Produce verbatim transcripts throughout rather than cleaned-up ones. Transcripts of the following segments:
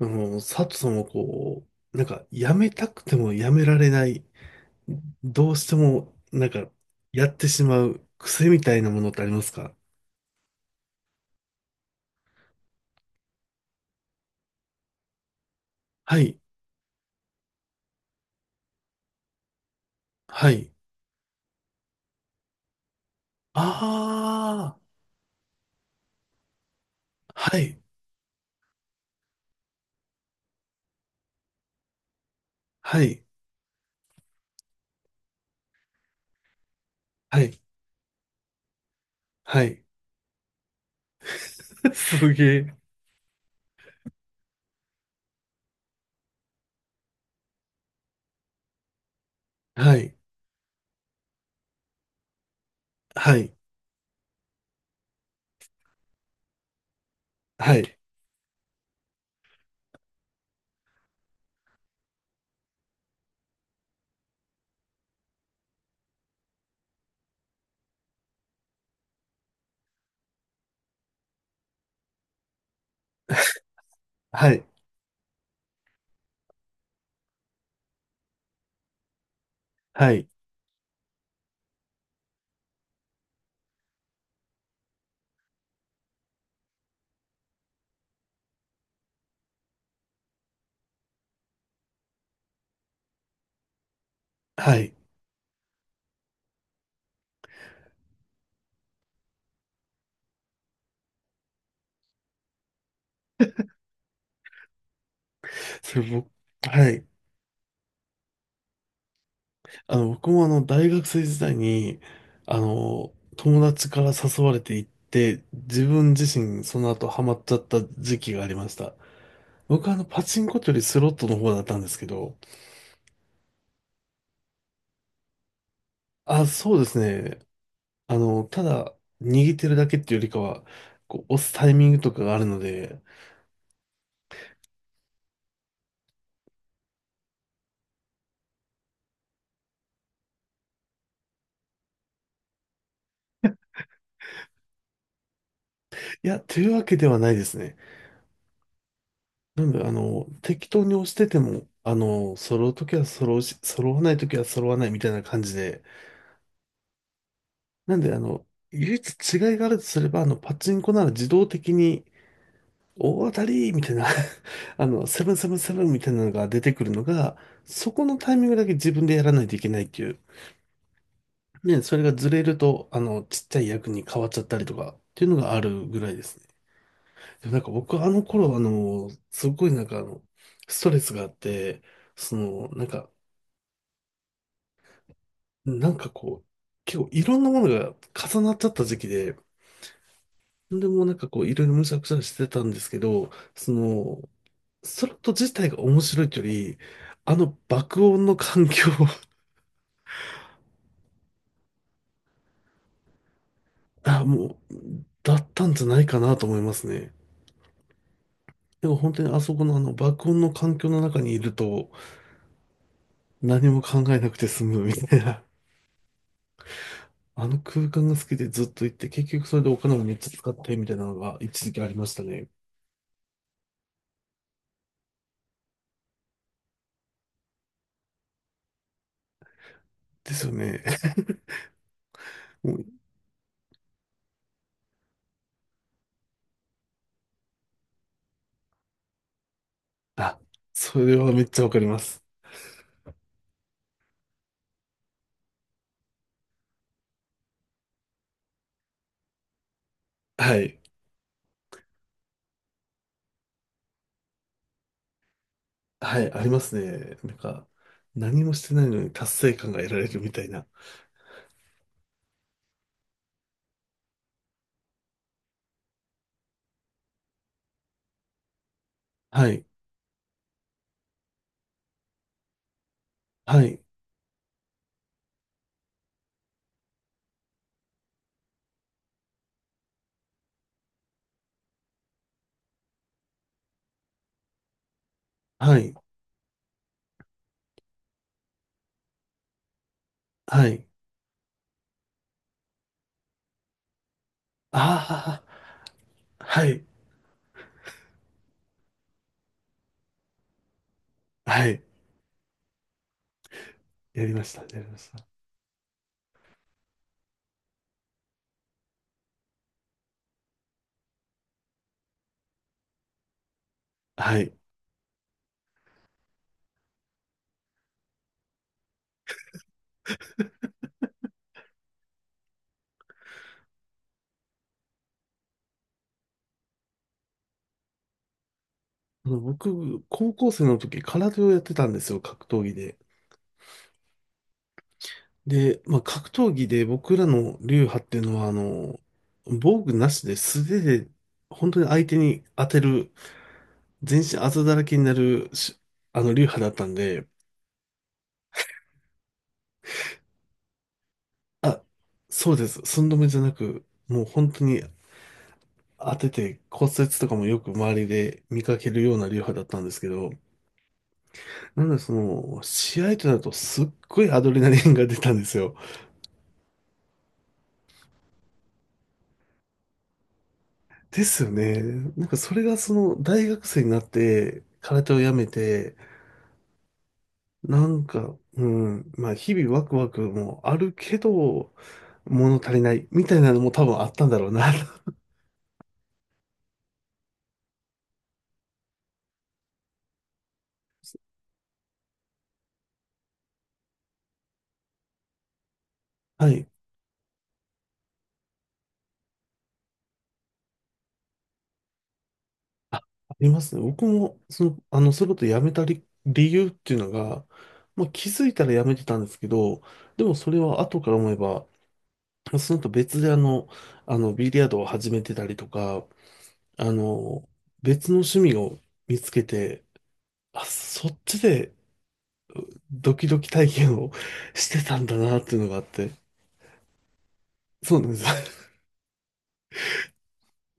あの、佐藤さんはこう、なんか、やめたくてもやめられない、どうしても、なんか、やってしまう癖みたいなものってありますか？はい、はい。ああ、はい、はい、はい、はい。すげえ。はい、はい、はい、はい、はい、はい。それ僕、はい。あの、僕もあの、大学生時代に、あの、友達から誘われて行って、自分自身その後ハマっちゃった時期がありました。僕はあの、パチンコというよりスロットの方だったんですけど、あ、そうですね。あの、ただ、握ってるだけっていうよりかは、こう、押すタイミングとかがあるので、いや、というわけではないですね。なんで、あの、適当に押してても、あの、揃うときは揃うし、揃わないときは揃わないみたいな感じで、なんで、あの、唯一違いがあるとすれば、あの、パチンコなら自動的に、大当たりみたいな あの、セブンセブンセブンみたいなのが出てくるのが、そこのタイミングだけ自分でやらないといけないっていう。ね、それがずれると、あの、ちっちゃい役に変わっちゃったりとか、っていうのがあるぐらいですね。でもなんか僕あの頃、あの、すごいなんかあの、ストレスがあって、その、なんか、なんかこう、結構いろんなものが重なっちゃった時期で、でもなんかこういろいろむしゃくしゃしてたんですけど、その、スロット自体が面白いというより、あの爆音の環境 あ、もう、だったんじゃないかなと思いますね。でも本当にあそこのあの爆音の環境の中にいると何も考えなくて済むみたいな。あの空間が好きでずっと行って、結局それでお金もめっちゃ使ってみたいなのが一時期ありましたね。ですよね。もうあ、それはめっちゃわかります。はい。はい、ありますね。なんか、何もしてないのに達成感が得られるみたいな。はい、はい、はい、はい。ああ、はい、はい。やりました、やりました。はい。あの僕、高校生の時、空手をやってたんですよ、格闘技で。で、まあ、格闘技で僕らの流派っていうのは、あの、防具なしで素手で、本当に相手に当てる、全身あざだらけになるし、あの、流派だったんで、あ、そうです。寸止めじゃなく、もう本当に当てて骨折とかもよく周りで見かけるような流派だったんですけど、なのでその、試合となるとすっごいアドレナリンが出たんですよ。ですよね。なんかそれがその、大学生になって、空手をやめて、なんか、うん、まあ日々ワクワクもあるけど、物足りないみたいなのも多分あったんだろうな。はい。あありますね。僕も、その、あの、それこそ辞めた理、理由っていうのが、まあ、気づいたら辞めてたんですけど、でもそれは後から思えば、その後別であの、あの、ビリヤードを始めてたりとか、あの、別の趣味を見つけて、あ、そっちでドキドキ体験を してたんだなっていうのがあって、そうなんです。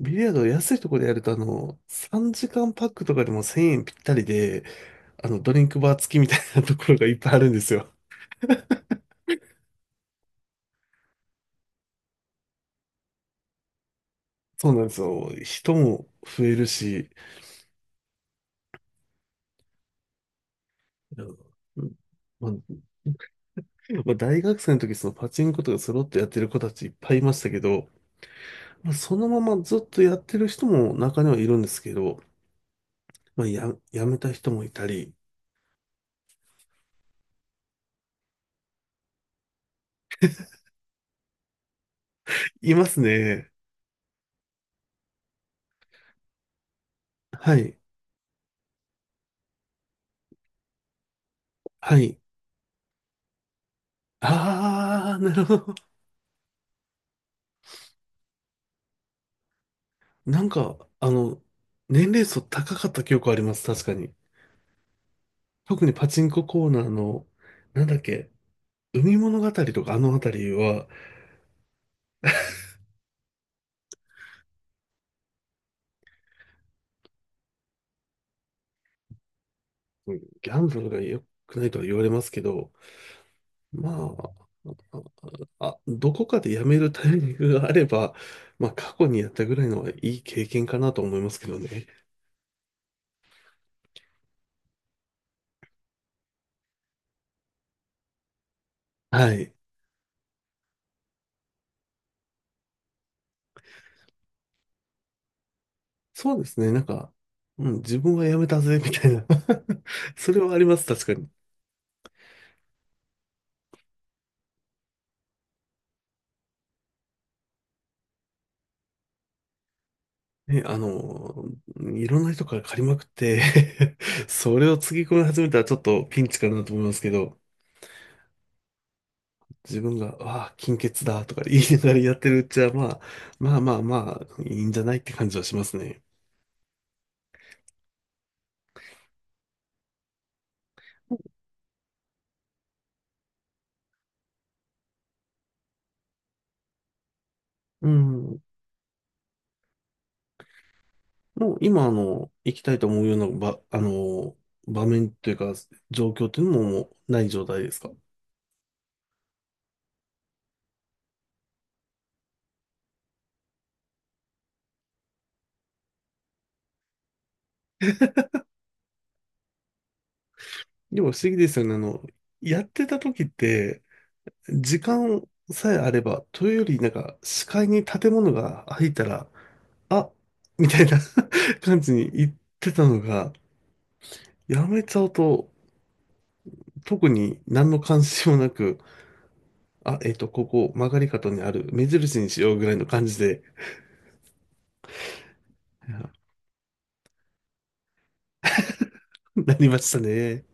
ビリヤードは安いところでやると、あの、さんじかんパックとかでもせんえんぴったりで、あの、ドリンクバー付きみたいなところがいっぱいあるんですよ。そうなんですよ。人も増えるし、うんまあ、まあ大学生の時そのパチンコとかスロットやってる子たちいっぱいいましたけど、まあ、そのままずっとやってる人も中にはいるんですけど、まあ、や、やめた人もいたり、いますね。はい。はい。ああ、なるほど。なんか、あの、年齢層高かった記憶あります。確かに。特にパチンココーナーの、なんだっけ、海物語とかあのあたりは、うん、ギャンブルが良くないとは言われますけど、まあ、あ、どこかでやめるタイミングがあれば、まあ、過去にやったぐらいのはいい経験かなと思いますけどね。はい。そうですね。なんか、うん、自分はやめたぜ、みたいな それはあります、確かに。ね、あの、いろんな人から借りまくって それをつぎ込み始めたらちょっとピンチかなと思いますけど、自分が、ああ、金欠だとか言いながらやってるうちは、まあ、まあまあまあ、いいんじゃないって感じはしますね。うん。もう今、あの、行きたいと思うような場、あの、場面というか、状況っていうのももうない状態ですか？でも不思議ですよね。あの、やってた時って、時間さえあれば、というより、なんか、視界に建物が入ったら、あ、みたいな 感じに言ってたのが、やめちゃうと、特に何の関心もなく、あ、えっと、ここ、曲がり角にある、目印にしようぐらいの感じで、なりましたね。